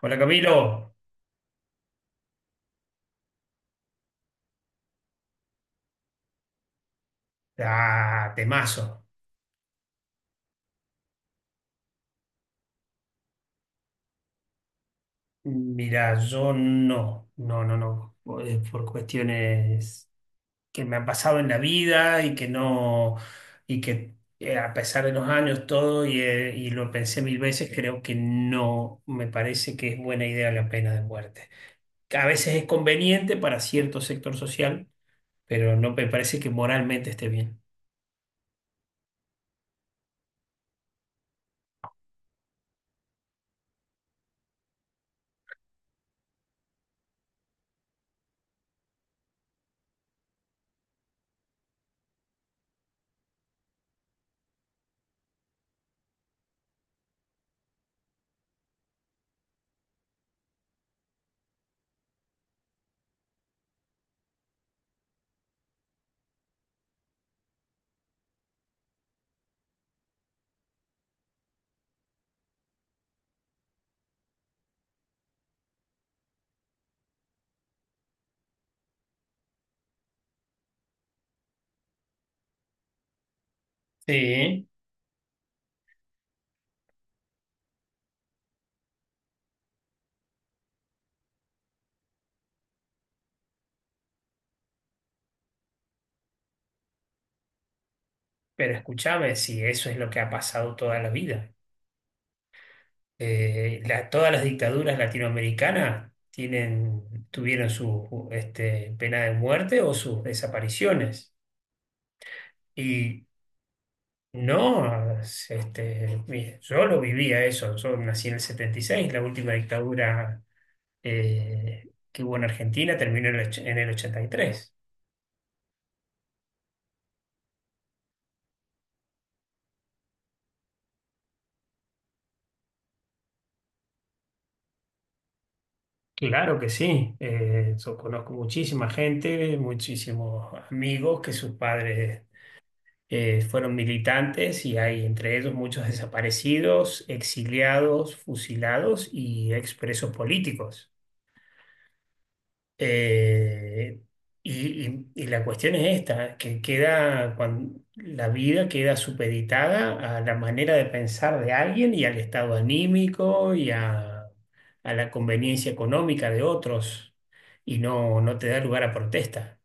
Hola, Camilo. Ah, temazo. Mira, yo no, no, no, no, por cuestiones que me han pasado en la vida y que no, y que a pesar de los años todo y lo pensé mil veces. Creo que no me parece que es buena idea la pena de muerte. Que a veces es conveniente para cierto sector social, pero no me parece que moralmente esté bien. Sí. Pero escúchame, si eso es lo que ha pasado toda la vida. Todas las dictaduras latinoamericanas tuvieron su pena de muerte o sus desapariciones. Y no, yo lo vivía eso. Yo nací en el 76. La última dictadura que hubo en Argentina terminó en el 83. Claro que sí. Yo conozco muchísima gente, muchísimos amigos que sus padres fueron militantes, y hay entre ellos muchos desaparecidos, exiliados, fusilados y expresos políticos. Eh, y la cuestión es esta, que queda la vida queda supeditada a la manera de pensar de alguien y al estado anímico y a la conveniencia económica de otros. Y no, no te da lugar a protesta.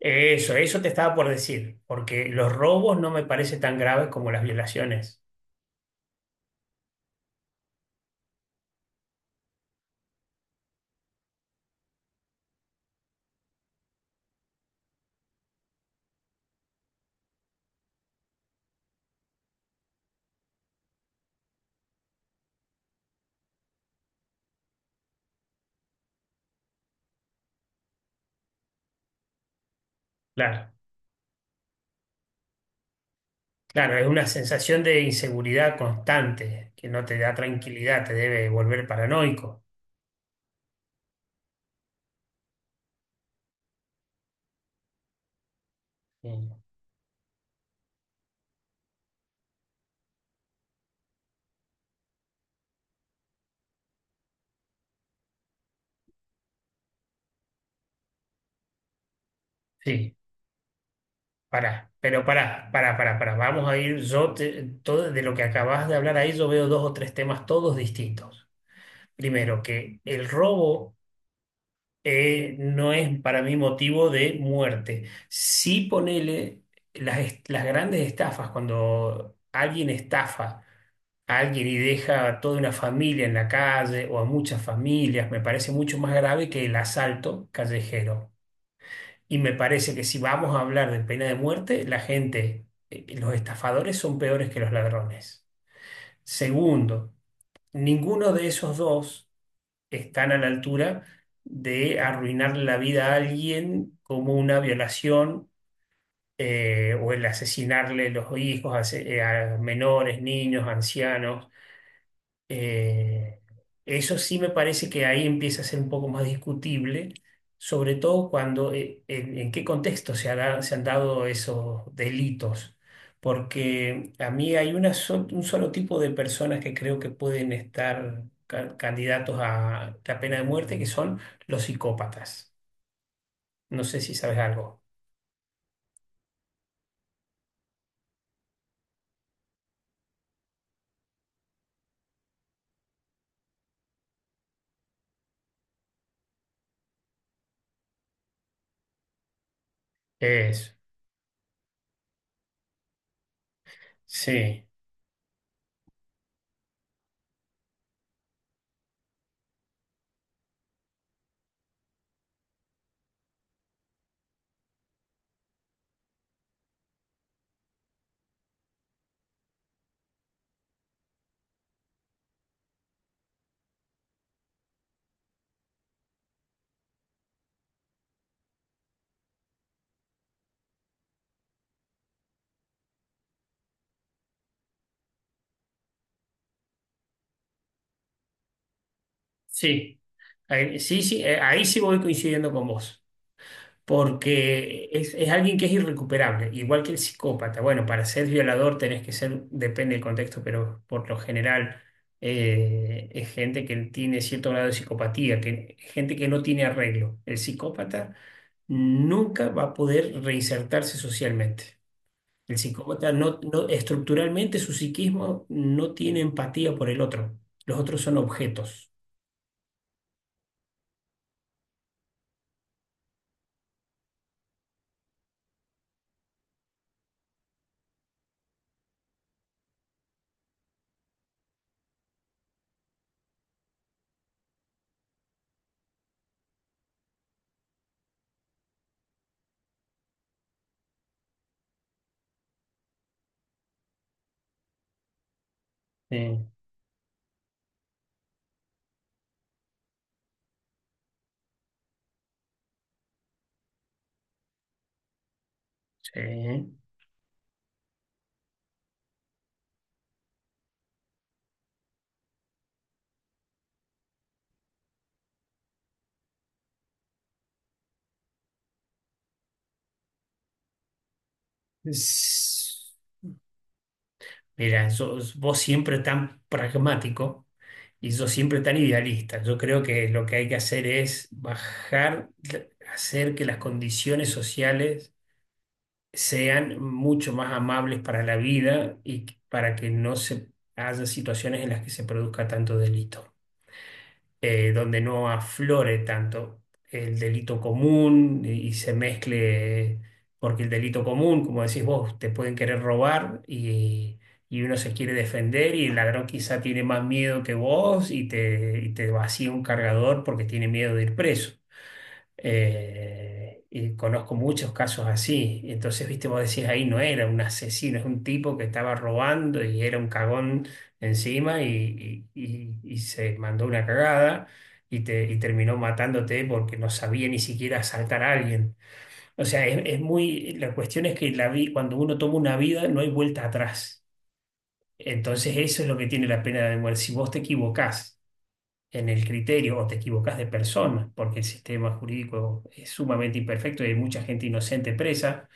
Eso te estaba por decir, porque los robos no me parece tan graves como las violaciones. Claro, claro, es una sensación de inseguridad constante que no te da tranquilidad, te debe volver paranoico. Mm. Sí, pará, pero pará, pará, pará, pará. Vamos a ir. Todo de lo que acabas de hablar ahí, yo veo dos o tres temas todos distintos. Primero, que el robo no es para mí motivo de muerte. Sí, ponele las grandes estafas. Cuando alguien estafa a alguien y deja a toda una familia en la calle o a muchas familias, me parece mucho más grave que el asalto callejero. Y me parece que si vamos a hablar de pena de muerte, la gente, los estafadores son peores que los ladrones. Segundo, ninguno de esos dos están a la altura de arruinarle la vida a alguien como una violación, o el asesinarle los hijos, a menores, niños, ancianos. Eh, Eso sí me parece que ahí empieza a ser un poco más discutible, sobre todo cuando, en qué contexto se han dado esos delitos. Porque a mí hay un solo tipo de personas que creo que pueden estar candidatos a la pena de muerte, que son los psicópatas. No sé si sabes algo. Eso. Sí, sí. Sí, sí, ahí sí voy coincidiendo con vos. Porque es alguien que es irrecuperable, igual que el psicópata. Bueno, para ser violador tenés que ser, depende del contexto, pero por lo general es gente que tiene cierto grado de psicopatía, que, gente que no tiene arreglo. El psicópata nunca va a poder reinsertarse socialmente. El psicópata no, estructuralmente su psiquismo no tiene empatía por el otro. Los otros son objetos. Sí. Sí. Mira, vos siempre tan pragmático y yo siempre tan idealista. Yo creo que lo que hay que hacer es bajar, hacer que las condiciones sociales sean mucho más amables para la vida y para que no se haya situaciones en las que se produzca tanto delito, donde no aflore tanto el delito común, y se mezcle. Porque el delito común, como decís vos, te pueden querer robar, y uno se quiere defender y el ladrón quizá tiene más miedo que vos y te vacía un cargador porque tiene miedo de ir preso. Y conozco muchos casos así. Entonces, viste, vos decís, ahí no era un asesino, es un tipo que estaba robando y era un cagón encima, y se mandó una cagada y terminó matándote porque no sabía ni siquiera asaltar a alguien. O sea, la cuestión es que cuando uno toma una vida no hay vuelta atrás. Entonces, eso es lo que tiene la pena de muerte. Si vos te equivocás en el criterio o te equivocas de persona, porque el sistema jurídico es sumamente imperfecto y hay mucha gente inocente presa,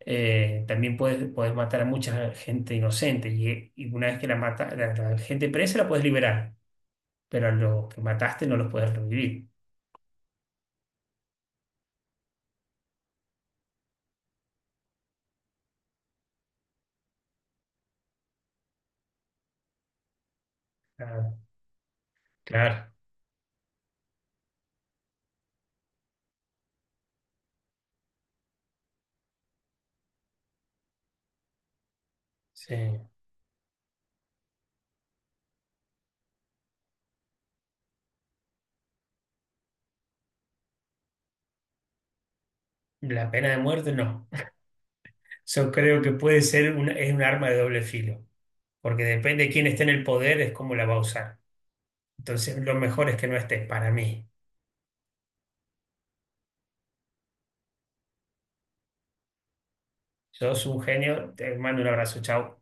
también puedes matar a mucha gente inocente, y una vez que la gente presa la puedes liberar, pero a los que mataste no los puedes revivir. Ah, claro, sí. La pena de muerte, no. Yo creo que puede ser un, es un arma de doble filo, porque depende de quién esté en el poder es cómo la va a usar. Entonces, lo mejor es que no estés, para mí. Yo soy un genio. Te mando un abrazo, chao.